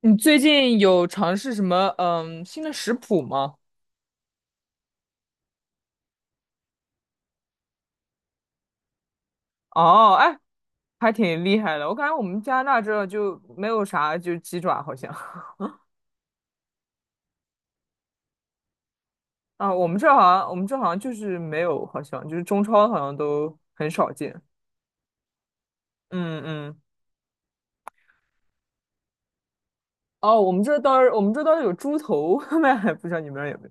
你最近有尝试什么新的食谱吗？哦，哎，还挺厉害的。我感觉我们加拿大这就没有啥，就鸡爪好像 啊，我们这好像就是没有，好像就是中超好像都很少见。嗯嗯，哦，我们这倒是有猪头，卖，不知道你们那儿有没有？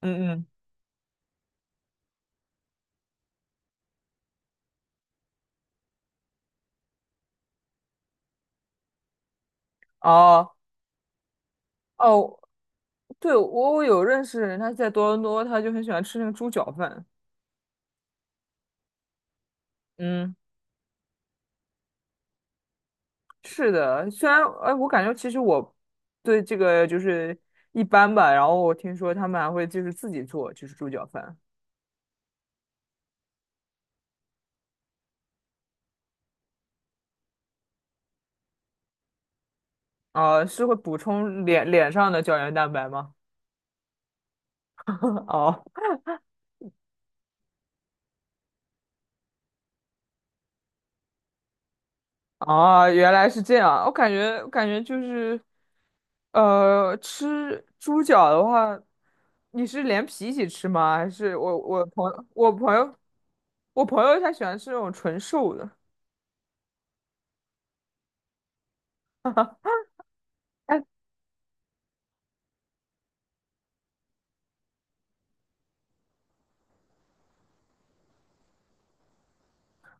嗯嗯，哦哦，对，我有认识人，他在多伦多，他就很喜欢吃那个猪脚饭。嗯。是的，虽然哎，我感觉其实我对这个一般吧。然后我听说他们还会就是自己做，就是猪脚饭。啊、是会补充脸上的胶原蛋白吗？哦哦，原来是这样。我感觉就是，吃猪脚的话，你是连皮一起吃吗？还是我朋友他喜欢吃那种纯瘦的？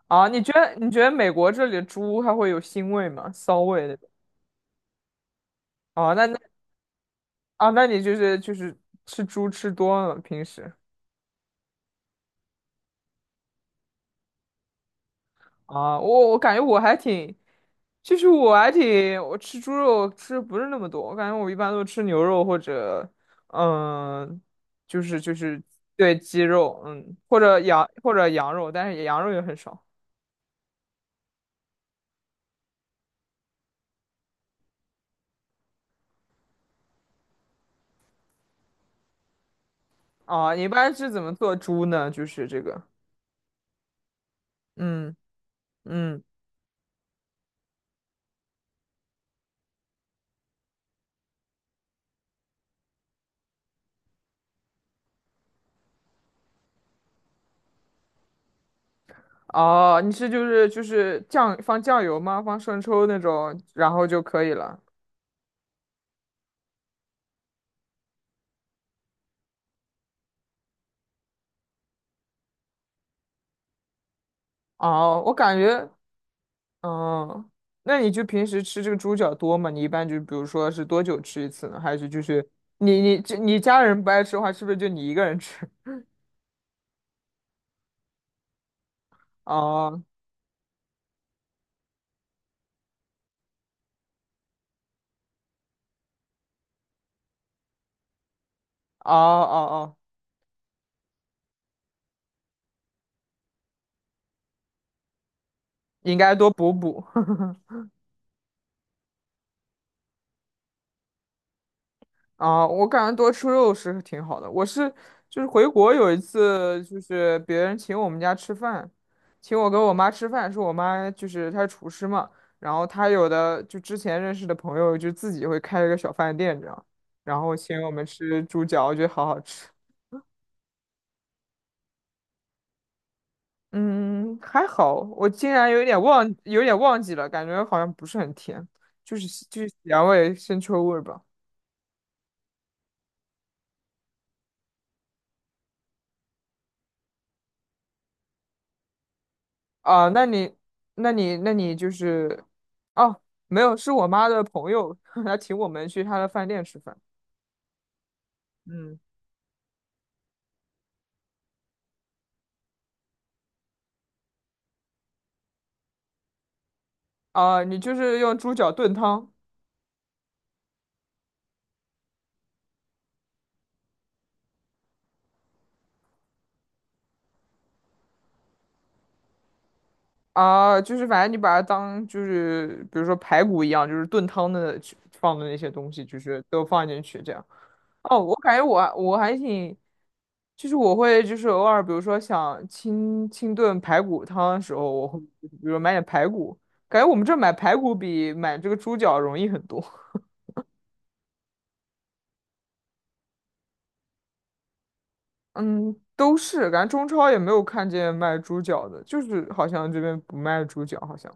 啊，你觉得美国这里的猪它会有腥味吗？骚味那种？啊，那啊，那你就是吃猪吃多了平时啊？我感觉我还挺，其实我还挺，我吃猪肉吃得不是那么多，我感觉我一般都吃牛肉或者嗯，就是对鸡肉，嗯，或者羊肉，但是羊肉也很少啊。你一般是怎么做猪呢？就是这个，嗯嗯。哦，你是就是放酱油吗？放生抽那种，然后就可以了。哦，我感觉，嗯，那你就平时吃这个猪脚多吗？你一般就比如说是多久吃一次呢？还是就是你家人不爱吃的话，是不是就你一个人吃？哦哦哦哦，应该多补补。啊，我感觉多吃肉是挺好的。我是就是回国有一次，就是别人请我们家吃饭，请我跟我妈吃饭，是我妈就是她是厨师嘛，然后她有的就之前认识的朋友就自己会开一个小饭店这样，然后请我们吃猪脚，我觉得好好吃。嗯，还好，我竟然有点忘，有点忘记了，感觉好像不是很甜，就是咸味、腥臭味吧。啊，那你就是，哦，没有，是我妈的朋友，她请我们去她的饭店吃饭。嗯，啊，你就是用猪脚炖汤啊，就是反正你把它当就是比如说排骨一样，就是炖汤的去放的那些东西，就是都放进去这样。哦，我还挺，就是我会就是偶尔比如说想清炖排骨汤的时候，我会比如说买点排骨，感觉我们这儿买排骨比买这个猪脚容易很多。嗯，都是，感觉中超也没有看见卖猪脚的，就是好像这边不卖猪脚，好像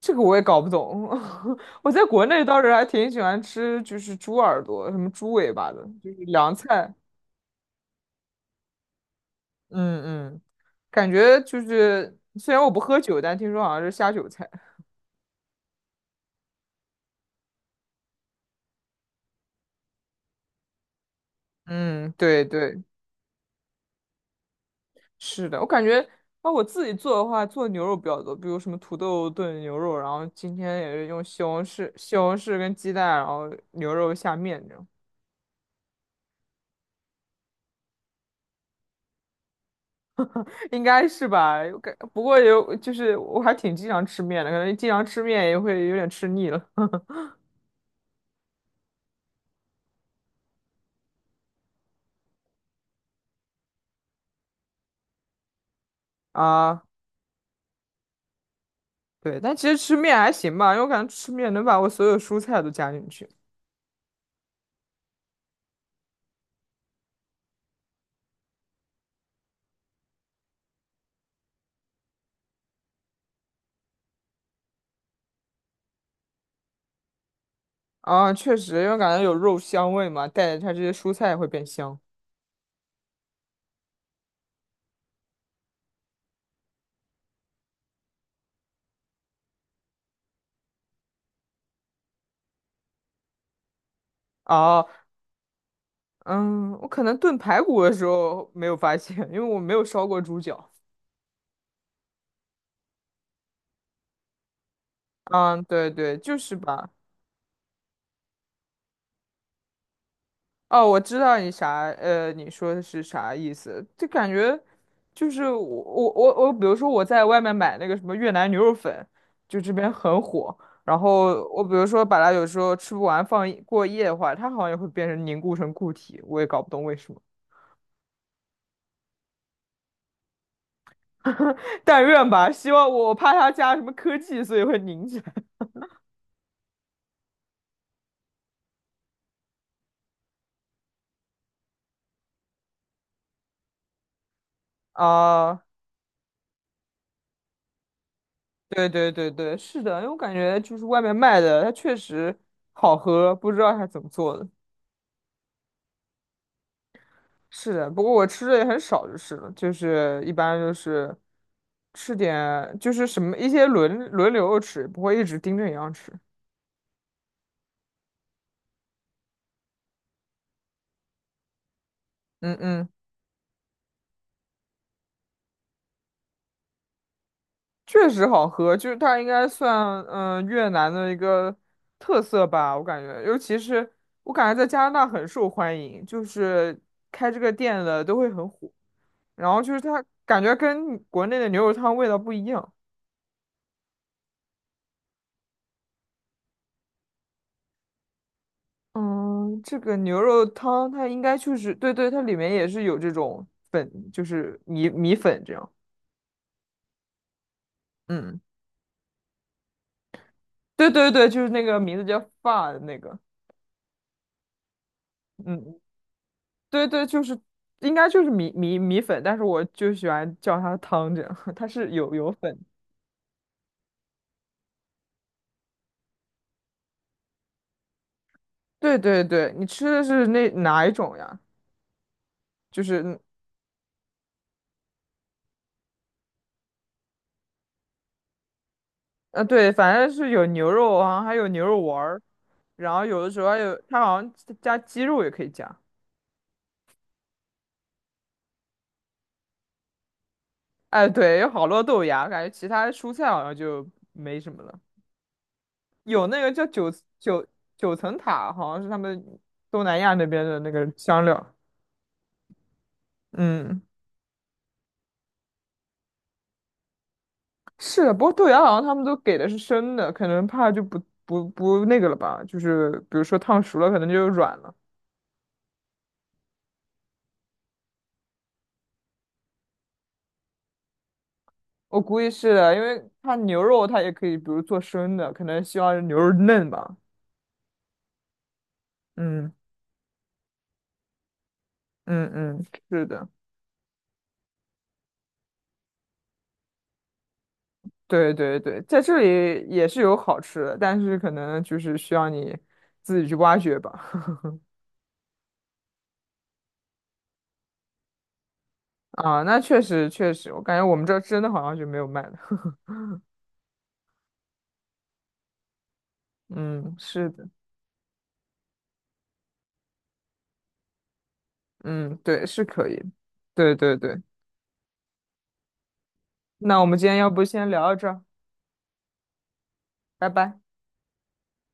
这个我也搞不懂。我在国内倒是还挺喜欢吃，就是猪耳朵、什么猪尾巴的，就是凉菜。嗯嗯，感觉就是虽然我不喝酒，但听说好像是下酒菜。嗯，对对，是的，我感觉啊，我自己做的话，做牛肉比较多，比如什么土豆炖牛肉，然后今天也是用西红柿跟鸡蛋，然后牛肉下面这样。应该是吧？我感不过有，就是我还挺经常吃面的，可能经常吃面也会有点吃腻了 啊。对，但其实吃面还行吧，因为我感觉吃面能把我所有蔬菜都加进去啊，确实，因为感觉有肉香味嘛，带着它这些蔬菜也会变香。哦，嗯，我可能炖排骨的时候没有发现，因为我没有烧过猪脚。嗯，对对，就是吧。哦，我知道你啥，你说的是啥意思？就感觉就是我，比如说我在外面买那个什么越南牛肉粉，就这边很火。然后我比如说把它有时候吃不完放一过夜的话，它好像也会变成凝固成固体，我也搞不懂为什么。但愿吧，希望我怕它加什么科技，所以会凝起来。啊，对对对对，是的，因为我感觉就是外面卖的，它确实好喝，不知道它怎么做的。是的，不过我吃的也很少，就是了，就是一般就是吃点，就是什么一些轮流吃，不会一直盯着一样吃。嗯嗯，确实好喝，就是它应该算越南的一个特色吧，我感觉，尤其是我感觉在加拿大很受欢迎，就是开这个店的都会很火，然后就是它感觉跟国内的牛肉汤味道不一样。嗯，这个牛肉汤它应该就是，对对，它里面也是有这种粉，就是米粉这样。嗯，对对对，就是那个名字叫发的那个。嗯，对对，就是应该就是米粉，但是我就喜欢叫它汤这样，它是有粉。对对对，你吃的是那哪一种呀？就是对，反正是有牛肉啊，还有牛肉丸儿，然后有的时候还有它好像加鸡肉也可以加。哎，对，有好多豆芽，感觉其他蔬菜好像就没什么了。有那个叫九九层塔，好像是他们东南亚那边的那个香料。嗯，是的，不过豆芽好像他们都给的是生的，可能怕就不那个了吧，就是比如说烫熟了，可能就软了。我估计是的，因为它牛肉它也可以，比如做生的，可能希望牛肉嫩吧。嗯嗯，是的。对对对，在这里也是有好吃的，但是可能就是需要你自己去挖掘吧。啊，那确实确实，我感觉我们这儿真的好像就没有卖的。嗯，是的，嗯，对，是可以的。对对对，那我们今天要不先聊到这儿，拜拜。